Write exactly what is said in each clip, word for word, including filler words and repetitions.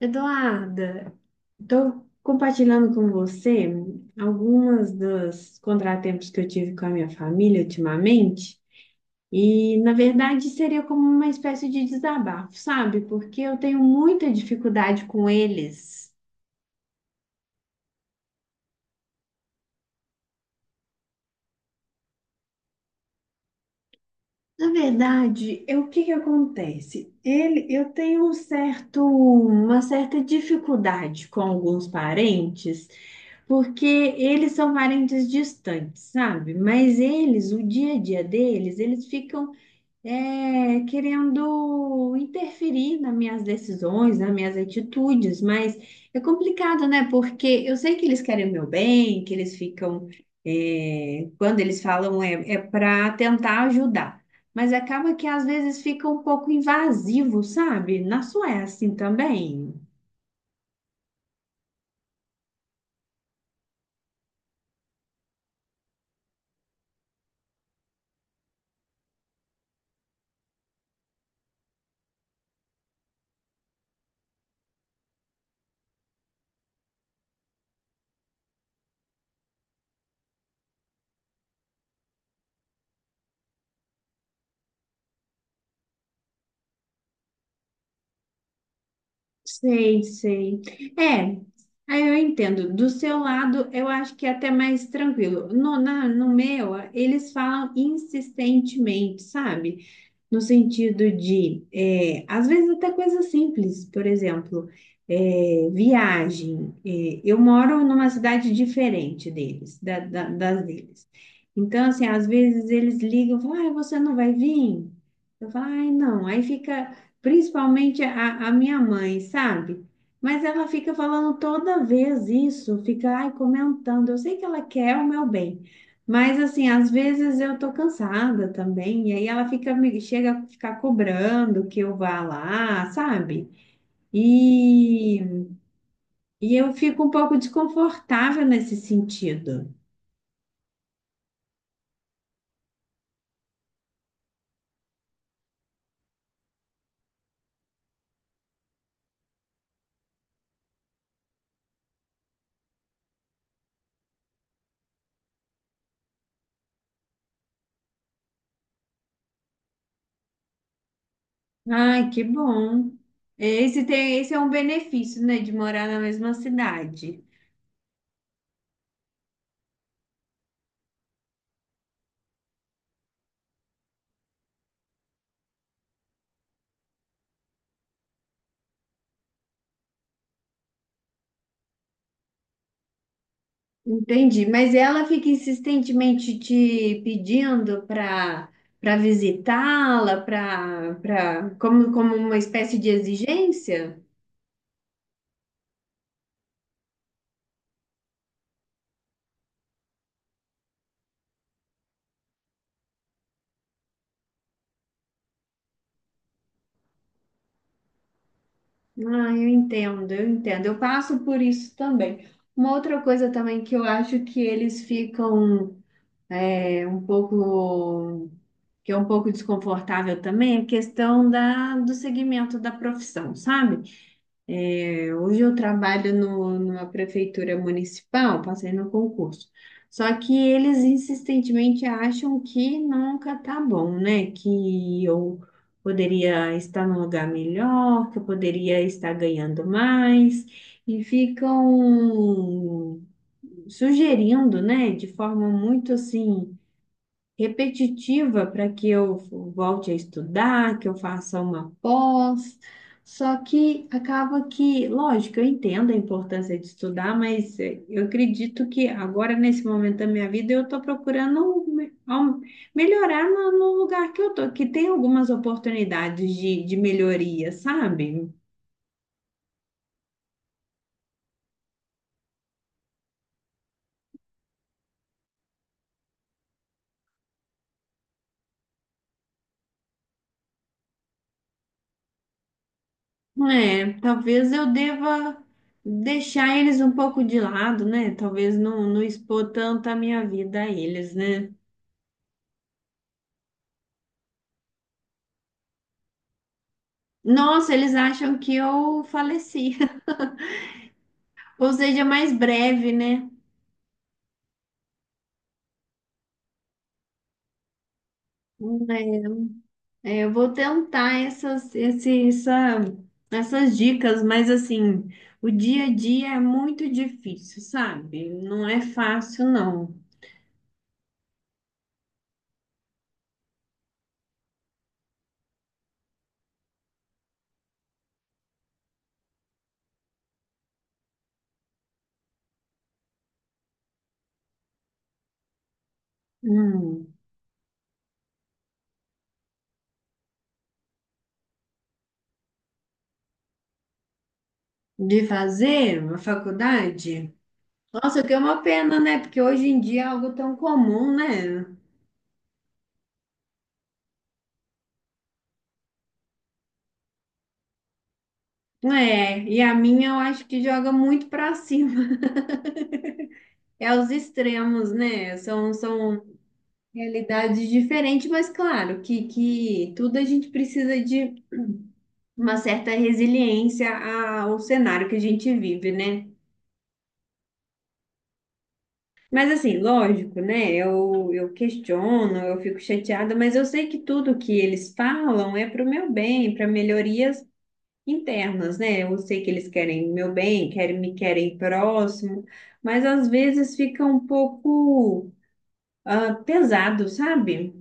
Eduarda, estou compartilhando com você algumas dos contratempos que eu tive com a minha família ultimamente, e na verdade seria como uma espécie de desabafo, sabe? Porque eu tenho muita dificuldade com eles. Na verdade, é o que que acontece? Ele, eu tenho um certo, uma certa dificuldade com alguns parentes, porque eles são parentes distantes, sabe? Mas eles, o dia a dia deles, eles ficam é, querendo interferir nas minhas decisões, nas minhas atitudes, mas é complicado, né? Porque eu sei que eles querem o meu bem, que eles ficam, é, quando eles falam é, para tentar ajudar, mas acaba que às vezes fica um pouco invasivo, sabe? Na sua é assim também. Sei, sei. É, aí eu entendo. Do seu lado, eu acho que é até mais tranquilo. No, na- no meu, eles falam insistentemente, sabe? No sentido de, é, às vezes até coisas simples, por exemplo, é, viagem. É, eu moro numa cidade diferente deles, da- da- das deles. Então, assim, às vezes eles ligam e falam, ah, você não vai vir? Eu falo, ai, não. Aí fica, principalmente a, a minha mãe, sabe? Mas ela fica falando toda vez isso, fica, ai, comentando. Eu sei que ela quer o meu bem. Mas assim, às vezes eu tô cansada também, e aí ela fica me chega a ficar cobrando que eu vá lá, sabe? E, e eu fico um pouco desconfortável nesse sentido. Ai, que bom. Esse tem, esse é um benefício, né, de morar na mesma cidade. Entendi. Mas ela fica insistentemente te pedindo para para visitá-la, para para como como uma espécie de exigência? Ah, eu entendo, eu entendo. Eu passo por isso também. Uma outra coisa também que eu acho que eles ficam é, um pouco, que é um pouco desconfortável também, é a questão da, do segmento da profissão, sabe? Hoje eu trabalho no, numa prefeitura municipal, passei no concurso. Só que eles insistentemente acham que nunca tá bom, né? Que eu poderia estar num lugar melhor, que eu poderia estar ganhando mais, e ficam sugerindo, né? De forma muito assim repetitiva para que eu volte a estudar, que eu faça uma pós. Só que acaba que, lógico, eu entendo a importância de estudar, mas eh, eu acredito que agora, nesse momento da minha vida, eu estou procurando um me- ao- melhorar no, no lugar que eu estou, que tem algumas oportunidades de, de melhoria, sabe? É, talvez eu deva deixar eles um pouco de lado, né? Talvez não, não expor tanto a minha vida a eles, né? Nossa, eles acham que eu faleci. Ou seja, mais breve, né? Hum. É, é, eu vou tentar essas, esse, essa, essas dicas, mas assim, o dia a dia é muito difícil, sabe? Não é fácil, não. Hum, de fazer a faculdade? Nossa, que é uma pena, né? Porque hoje em dia é algo tão comum, né? É, e a minha eu acho que joga muito pra cima. É os extremos, né? São, são realidade diferente, mas claro que, que tudo a gente precisa de uma certa resiliência ao cenário que a gente vive, né? Mas assim, lógico, né? Eu, eu questiono, eu fico chateada, mas eu sei que tudo que eles falam é para o meu bem, para melhorias internas, né? Eu sei que eles querem meu bem, querem me querem próximo, mas às vezes fica um pouco ah, pesado, sabe?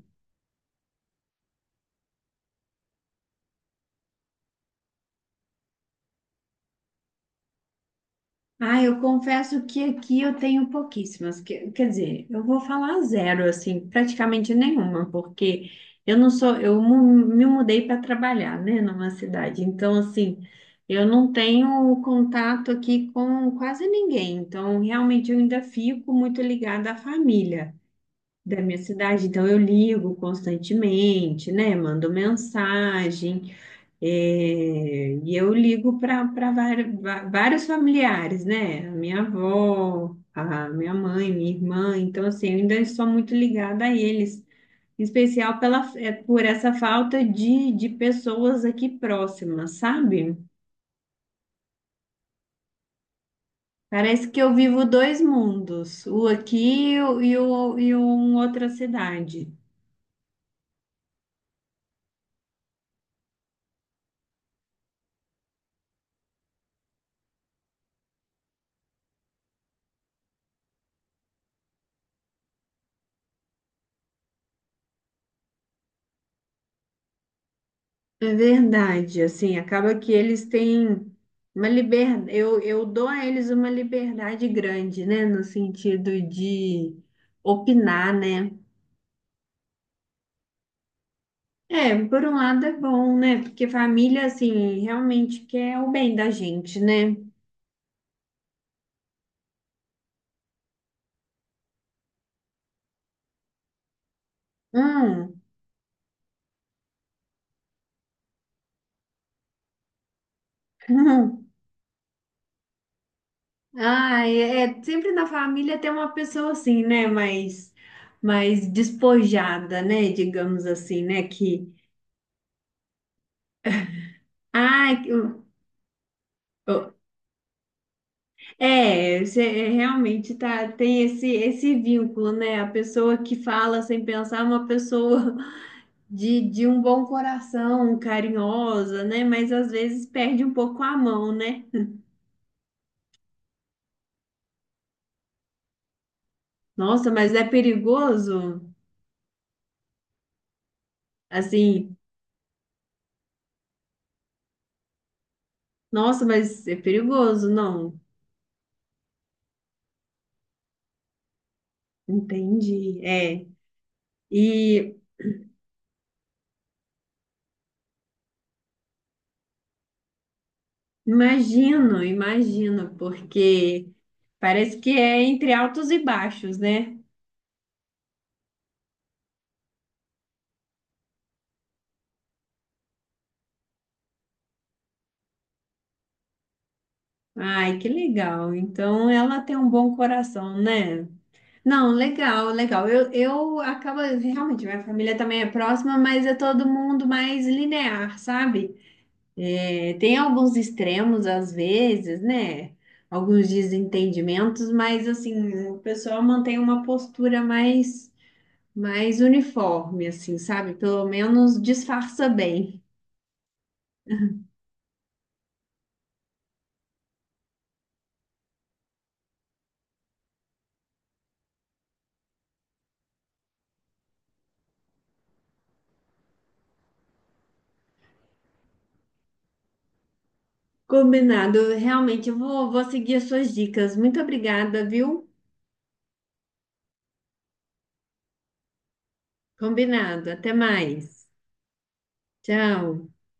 Ah, eu confesso que aqui eu tenho pouquíssimas. Que- quer dizer, eu vou falar zero, assim, praticamente nenhuma, porque eu não sou, eu mu- me mudei para trabalhar, né, numa cidade. Então, assim, eu não tenho contato aqui com quase ninguém. Então, realmente, eu ainda fico muito ligada à família da minha cidade. Então, eu ligo constantemente, né, mando mensagem. É, e eu ligo para vários familiares, né? A minha avó, a minha mãe, minha irmã. Então, assim, eu ainda sou muito ligada a eles, em especial pela, é, por essa falta de, de pessoas aqui próximas, sabe? Parece que eu vivo dois mundos, o aqui e, o, e o- e um outra cidade. É verdade, assim, acaba que eles têm uma liberdade, eu, eu dou a eles uma liberdade grande, né, no sentido de opinar, né? É, por um lado é bom, né? Porque família, assim, realmente quer o bem da gente, né? Hum, hum. Ai, é, é, sempre na família tem uma pessoa assim, né, mais, mais despojada, né, digamos assim, né, que, ai, é, você realmente tá, tem esse, esse vínculo, né? A pessoa que fala sem pensar é uma pessoa de, de um bom coração, carinhosa, né? Mas às vezes perde um pouco a mão, né? Nossa, mas é perigoso? Assim, nossa, mas é perigoso? Não, entendi. É. E imagino, imagino, porque parece que é entre altos e baixos, né? Ai, que legal. Então ela tem um bom coração, né? Não, legal, legal. Eu, eu acabo realmente, minha família também é próxima, mas é todo mundo mais linear, sabe? É, tem alguns extremos às vezes, né? Alguns desentendimentos, mas assim, o pessoal mantém uma postura mais, mais uniforme, assim, sabe? Pelo menos disfarça bem. Combinado. Realmente, eu vou, vou seguir as suas dicas. Muito obrigada, viu? Combinado. Até mais. Tchau.